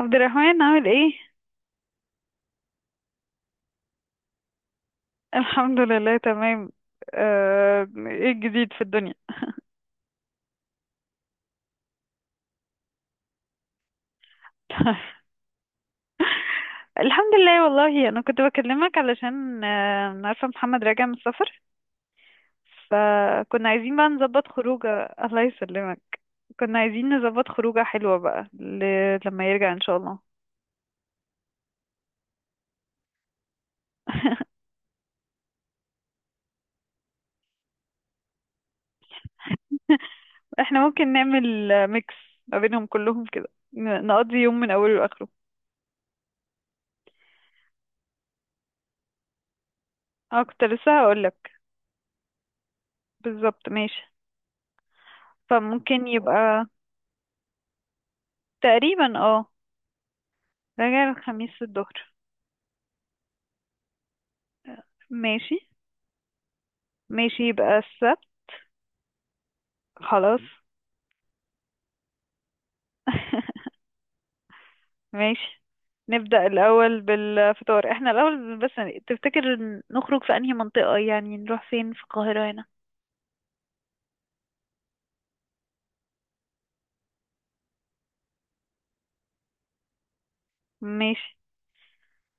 عبد الرحمن عامل ايه؟ الحمد لله تمام. ايه الجديد في الدنيا؟ الحمد لله، والله انا كنت بكلمك علشان أنا عارفة محمد راجع من السفر، فكنا عايزين بقى نظبط خروجه. الله يسلمك. كنا عايزين نظبط خروجه حلوة بقى لما يرجع ان شاء الله. احنا ممكن نعمل ميكس ما بينهم كلهم كده، نقضي يوم من اوله لاخره. اه، كنت لسه هقولك. بالظبط، ماشي. فممكن يبقى. تقريبا، اه. راجع الخميس الظهر. ماشي، ماشي يبقى السبت. خلاص. ماشي. نبدأ الأول بالفطار، احنا الأول بس، تفتكر نخرج في أنهي منطقة؟ يعني نروح فين في القاهرة هنا؟ ماشي.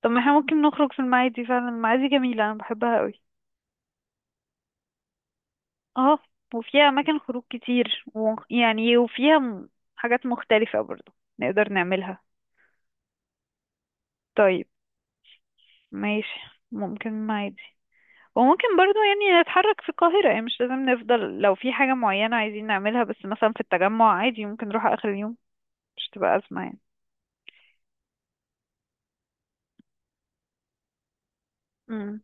طب ما احنا ممكن نخرج في المعادي، فعلا المعادي جميلة، أنا بحبها قوي. اه، وفيها أماكن خروج كتير يعني وفيها حاجات مختلفة برضو، نقدر نعملها. طيب، ماشي، ممكن المعادي. وممكن برضو يعني نتحرك في القاهرة، يعني مش لازم نفضل، لو في حاجة معينة عايزين نعملها، بس مثلا في التجمع عادي ممكن نروح آخر اليوم، مش تبقى أزمة يعني. امم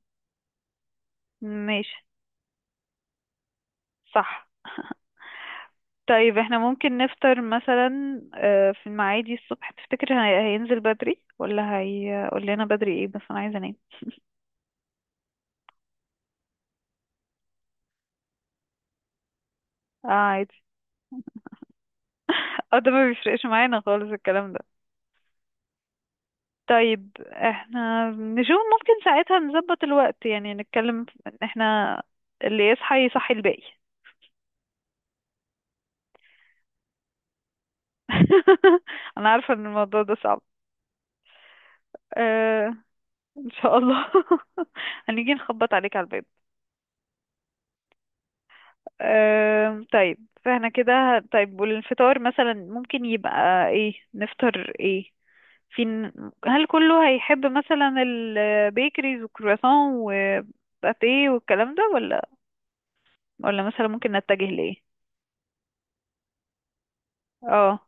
ماشي، صح، طيب. احنا ممكن نفطر مثلا في المعادي الصبح، تفتكر هينزل بدري ولا هيقول لنا بدري؟ ايه بس انا عايزة انام. اه، عادي. اه، ده ما بيفرقش معانا خالص الكلام ده. طيب، احنا نشوف ممكن ساعتها نظبط الوقت، يعني نتكلم ان احنا اللي يصحى يصحي الباقي. انا عارفه ان الموضوع ده صعب، أه. ان شاء الله. هنيجي نخبط عليك على الباب. أه، طيب. فاحنا كده طيب، والفطار مثلا ممكن يبقى ايه، نفطر ايه في؟ هل كله هيحب مثلا البيكريز والكرواسون وباتيه والكلام ده، ولا مثلا ممكن نتجه لايه؟ اه،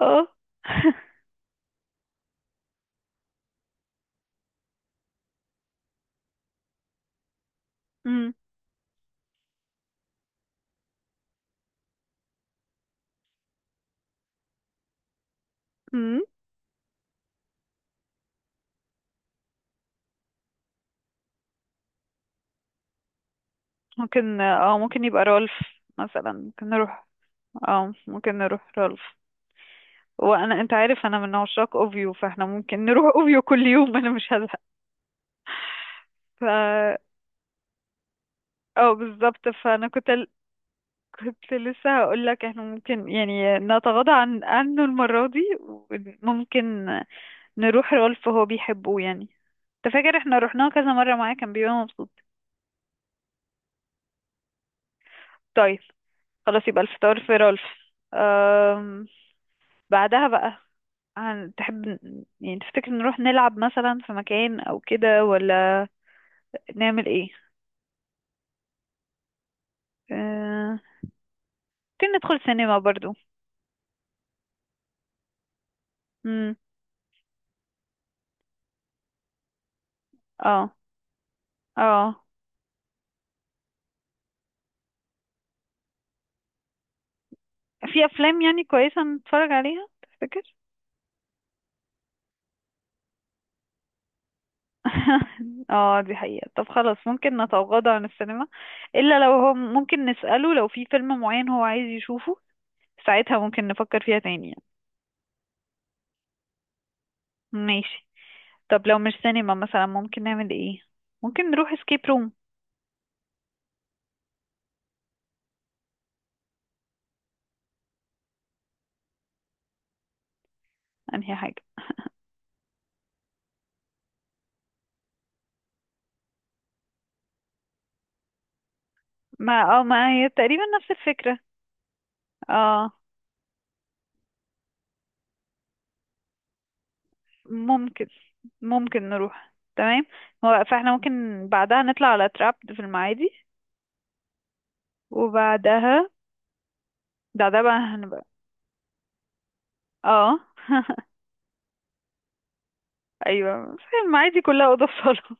اه. مم. مم. ممكن يبقى رولف، مثلا، ممكن نروح. اه، ممكن نروح رولف. وانا، انت عارف، انا من عشاق اوفيو، فاحنا ممكن نروح اوفيو كل يوم، انا مش هزهق. ف اه، بالظبط، فانا كنت كنت لسه هقول لك احنا ممكن يعني نتغاضى عنه المرة دي، وممكن نروح رالف، هو بيحبه يعني. انت فاكر احنا رحناه كذا مرة معاه، كان بيبقى مبسوط. طيب، خلاص، يبقى الفطار في رالف. أم... بعدها بقى، تحب يعني تفتكر نروح نلعب مثلا في مكان او كده، ولا نعمل ايه؟ آه، ممكن ندخل سينما برضو. امم اه، اه، في افلام يعني كويسة نتفرج عليها، تفتكر؟ اه، دي حقيقة. طب خلاص ممكن نتغاضى عن السينما، الا لو هو ممكن نسأله لو في فيلم معين هو عايز يشوفه، ساعتها ممكن نفكر فيها تاني يعني. ماشي. طب لو مش سينما، مثلا ممكن نعمل ايه؟ ممكن نروح اسكيب روم، انهي حاجة؟ ما هي تقريبا نفس الفكرة. اه، ممكن ممكن نروح تمام. هو فاحنا ممكن بعدها نطلع على تراب في المعادي، وبعدها بقى هنبقى، اه. ايوه، في المعادي كلها اوضه وصاله.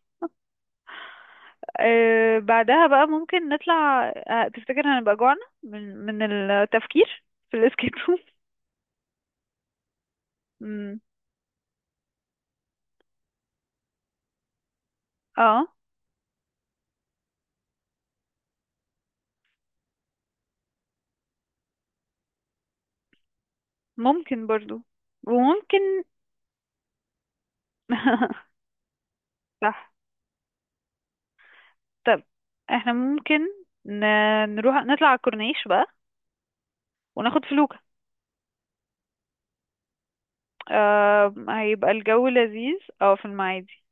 بعدها بقى ممكن نطلع، تفتكر هنبقى جوعنا من التفكير في الاسكيب روم؟ مم. اه، ممكن برضو، وممكن. صح. طب احنا ممكن نروح نطلع على الكورنيش بقى وناخد فلوكة. هيبقى الجو لذيذ، اه، في المعادي.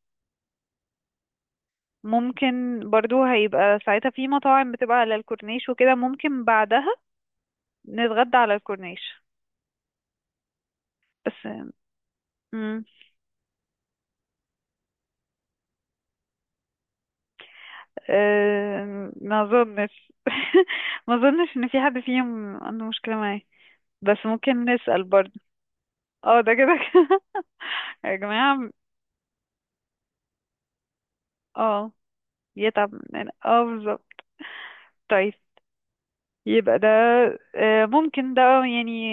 ممكن برضو هيبقى ساعتها في مطاعم بتبقى على الكورنيش وكده، ممكن بعدها نتغدى على الكورنيش بس. مم. آه، ما اظنش. ما اظنش ان في حد فيهم عنده مشكلة معايا، بس ممكن نسأل برضو. اه، ده كده كده. يا جماعة. اه، يتعب مننا، اه، بالظبط. طيب، يبقى ده ممكن، ده يعني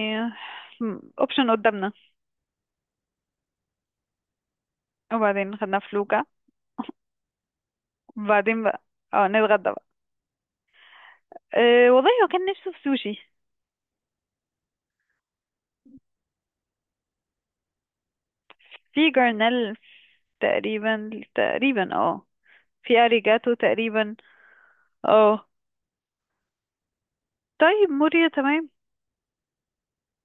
اوبشن قدامنا. وبعدين خدنا فلوكة. وبعدين بقى، اه، نتغدى بقى. أه، والله هو كان نفسه في سوشي. في جرنال، تقريبا. تقريبا، اه. في اريجاتو، تقريبا، اه. طيب، موريا، تمام.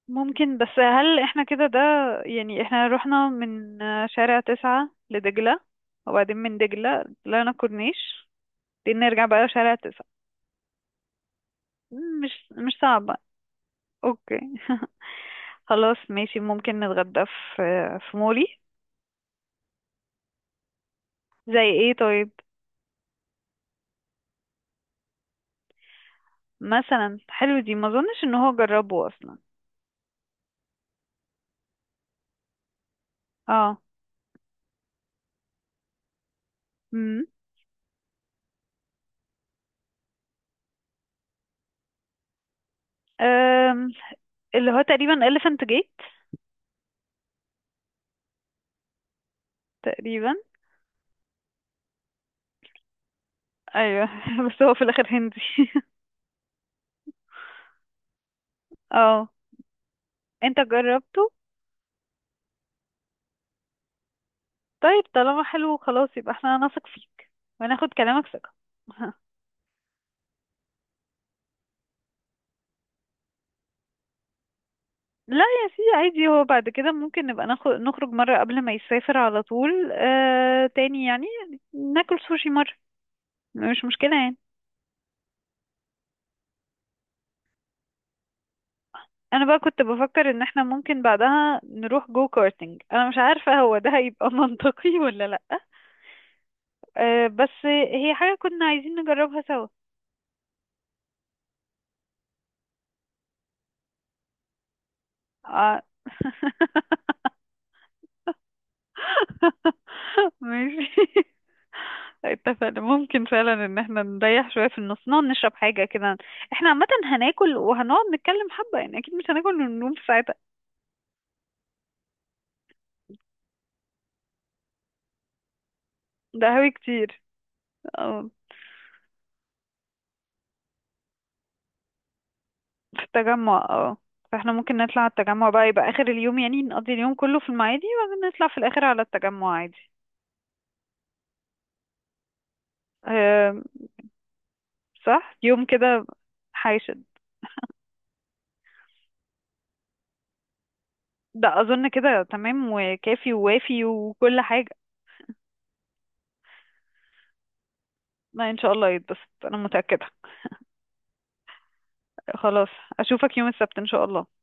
ممكن، بس هل احنا كده ده؟ يعني احنا رحنا من شارع تسعة لدجلة، وبعدين من دجلة طلعنا كورنيش، بعدين نرجع بقى شارع تسعة، مش صعبة. اوكي. خلاص، ماشي، ممكن نتغدى في في مولي. زي ايه، طيب؟ مثلا حلو، دي ما اظنش ان هو جربه اصلا. اه، امم أم، اللي هو تقريبا elephant gate، تقريبا. ايوه بس هو في الاخر هندي. اه، انت جربته؟ طيب، طالما حلو، خلاص يبقى احنا نثق فيك وناخد كلامك ثقة. لا يا سيدي، عادي، هو بعد كده ممكن نبقى ناخد، نخرج مرة قبل ما يسافر على طول تاني يعني، ناكل سوشي مرة، مش مشكلة يعني. انا بقى كنت بفكر ان احنا ممكن بعدها نروح جو كارتينج، انا مش عارفة هو ده هيبقى منطقي ولا لا. أه، بس هي حاجة كنا عايزين نجربها سوا. آه. ماشي، اتفقنا. ممكن فعلا ان احنا نريح شوية في النص، نقعد نشرب حاجة كده، احنا عامة هناكل وهنقعد نتكلم حبة يعني، اكيد مش هناكل وننوم في ساعتها. ده هوي كتير. آه. في التجمع، اه. فاحنا ممكن نطلع على التجمع بقى، يبقى اخر اليوم يعني، نقضي اليوم كله في المعادي وبعدين نطلع في الاخر على التجمع عادي. أه، صح، يوم كده. حيشد. ده اظن كده تمام وكافي ووافي وكل حاجة. ما ان شاء الله يتبسط، انا متأكدة. خلاص، اشوفك يوم السبت ان شاء الله.